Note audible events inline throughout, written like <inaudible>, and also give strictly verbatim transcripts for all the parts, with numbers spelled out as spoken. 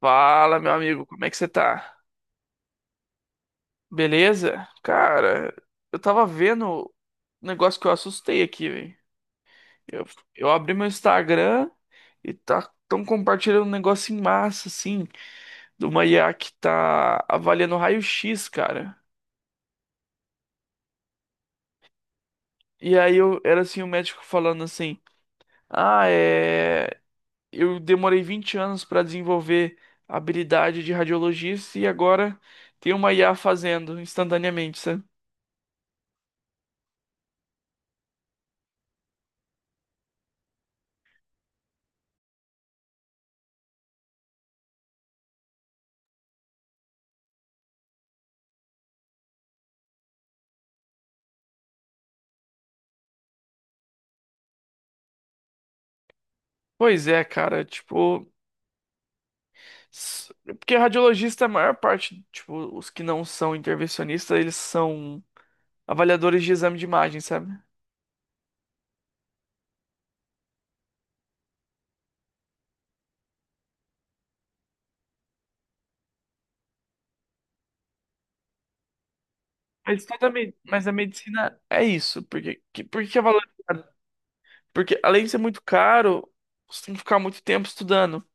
Fala, meu amigo, como é que você tá? Beleza? Cara, eu tava vendo um negócio que eu assustei aqui, velho. Eu, eu abri meu Instagram e tá tão compartilhando um negócio em massa, assim, de uma I A que tá avaliando raio-x, cara. E aí eu era assim, o médico falando assim: "Ah, é, eu demorei vinte anos pra desenvolver a habilidade de radiologista e agora tem uma I A fazendo instantaneamente, sabe?" Pois é, cara, tipo, S- porque radiologista, é a maior parte, tipo, os que não são intervencionistas, eles são avaliadores de exame de imagem, sabe? Mas, toda, a me- mas a medicina é isso. Porque, que, por que é valorizado? Porque além de ser muito caro, você tem que ficar muito tempo estudando.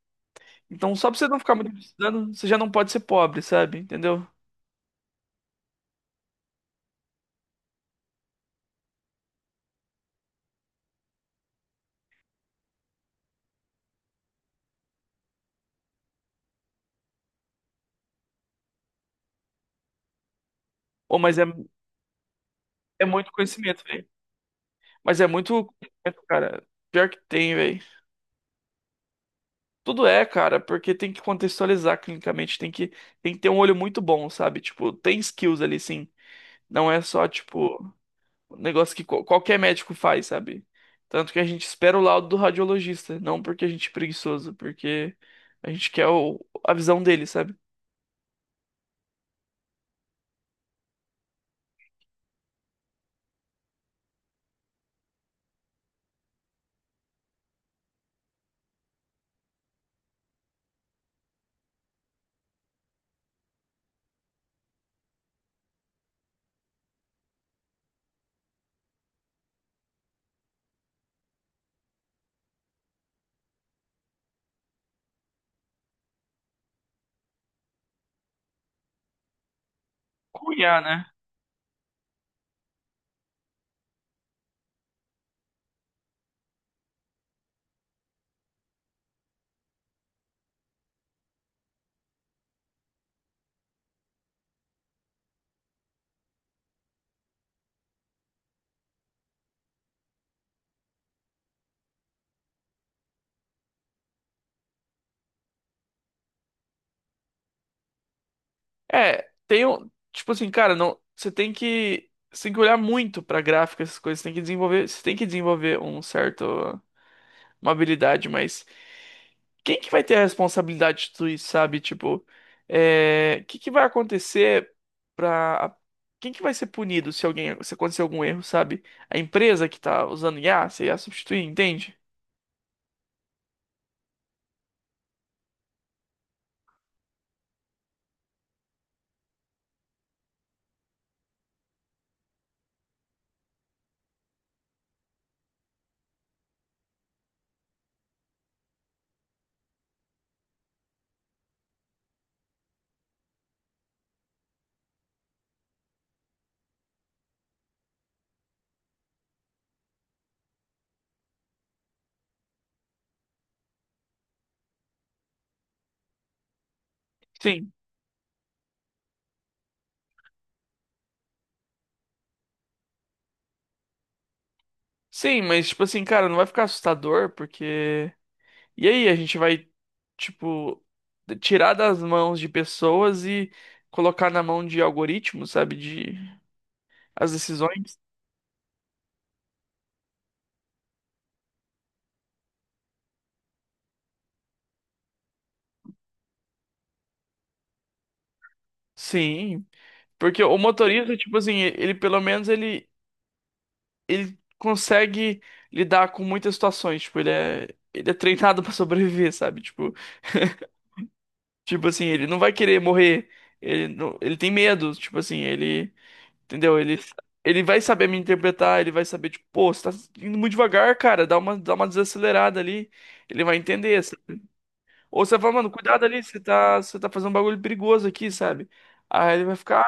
Então, só pra você não ficar muito tempo estudando, você já não pode ser pobre, sabe? Entendeu? Ô, mas é, é muito conhecimento, velho. Mas é muito conhecimento, cara. Pior que tem, velho. Tudo é, cara, porque tem que contextualizar clinicamente, tem que, tem que ter um olho muito bom, sabe? Tipo, tem skills ali, sim. Não é só, tipo, um negócio que qual- qualquer médico faz, sabe? Tanto que a gente espera o laudo do radiologista, não porque a gente é preguiçoso, porque a gente quer o- a visão dele, sabe? Cunhar, né? É, tem um, tipo assim, cara, não, você tem que, você tem que olhar muito pra gráfica, essas coisas. Você tem que desenvolver, você tem que desenvolver um certo, uma habilidade, mas quem que vai ter a responsabilidade de tudo isso, sabe? Tipo, é, que que vai acontecer pra... Quem que vai ser punido se alguém, se acontecer algum erro, sabe? A empresa que tá usando I A, você ia substituir, entende? Sim. Sim, mas tipo assim, cara, não vai ficar assustador, porque... E aí, a gente vai, tipo, tirar das mãos de pessoas e colocar na mão de algoritmos, sabe? De... As decisões. Sim. Porque o motorista, tipo assim, ele pelo menos ele, ele consegue lidar com muitas situações. Tipo, ele é, ele é treinado <laughs> pra sobreviver, sabe? Tipo, tipo assim, ele não vai querer morrer. Ele, não, ele tem medo, tipo assim, ele, entendeu? Ele, ele vai saber me interpretar, ele vai saber, tipo, pô, você tá indo muito devagar, cara, dá uma, dá uma desacelerada ali. Ele vai entender, sabe? Ou você vai, mano, cuidado ali, você tá, você tá fazendo um bagulho perigoso aqui, sabe? Aí ele vai ficar.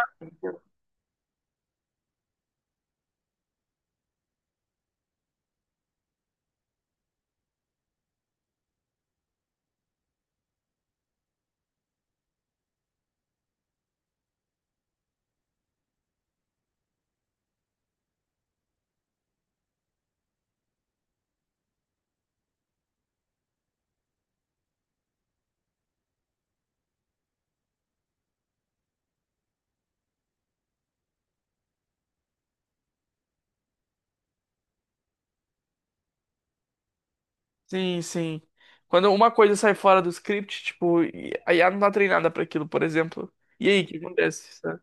Sim, sim. Quando uma coisa sai fora do script, tipo, e a I A não tá treinada pra aquilo, por exemplo. E aí, o que acontece? Sabe?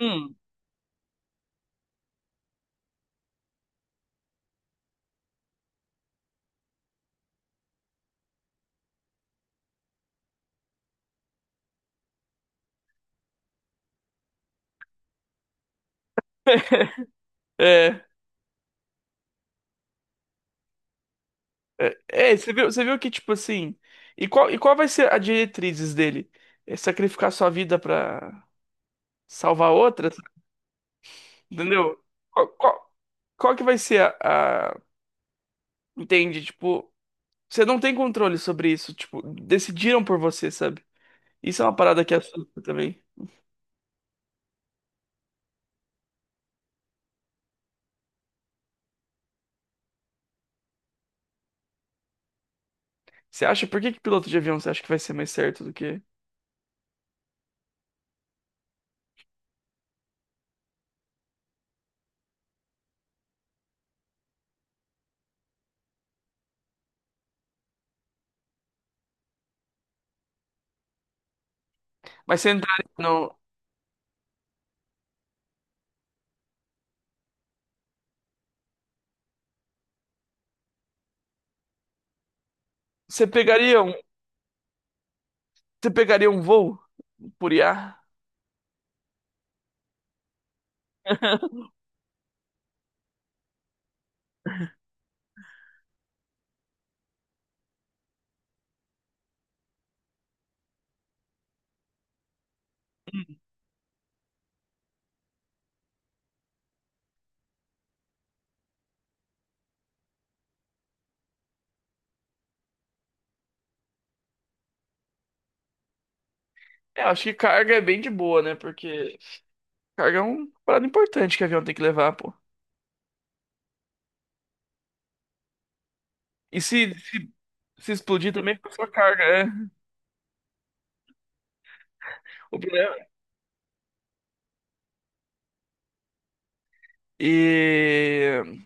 Hum. É, é, é, você viu, você viu que, tipo assim. E qual, e qual vai ser a diretrizes dele? É sacrificar sua vida pra salvar outra? Entendeu? Qual, qual, qual que vai ser a, a- entende? Tipo, você não tem controle sobre isso. Tipo, decidiram por você, sabe? Isso é uma parada que assusta também. Você acha, por que que piloto de avião você acha que vai ser mais certo do que. Mas você entraria no. Você pegaria um. Você pegaria um voo por I A? <laughs> É, eu acho que carga é bem de boa, né? Porque carga é uma parada importante que o avião tem que levar, pô. E se, se, se explodir também fica sua carga, é. O problema. E.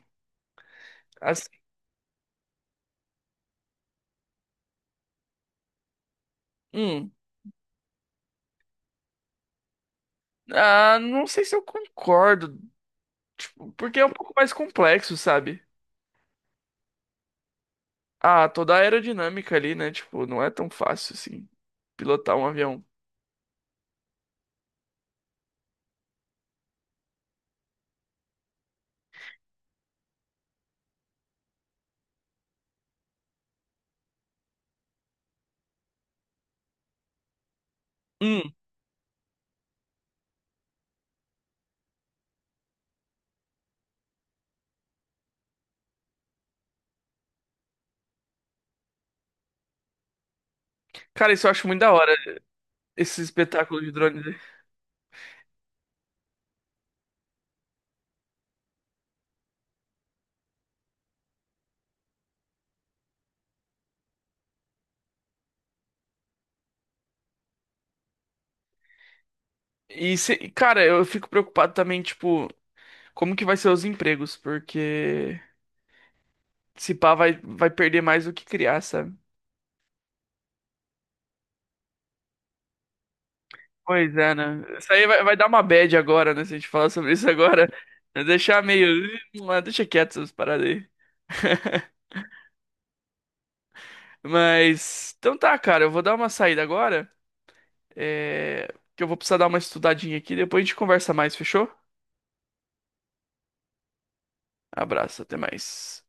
Assim. Hum, ah, não sei se eu concordo. Tipo, porque é um pouco mais complexo, sabe? Ah, toda a aerodinâmica ali, né? Tipo, não é tão fácil assim pilotar um avião. Hum, cara, isso eu acho muito da hora. Esse espetáculo de drone. E, se- e, cara, eu fico preocupado também, tipo, como que vai ser os empregos, porque se pá vai, vai perder mais do que criar, sabe? Pois é, né? Isso aí vai, vai dar uma bad agora, né? Se a gente falar sobre isso agora, <laughs> vai deixar meio. "Ih, ah, deixa quieto essas paradas aí. <laughs> Mas. Então tá, cara, eu vou dar uma saída agora, é, que eu vou precisar dar uma estudadinha aqui, depois a gente conversa mais, fechou? Abraço, até mais.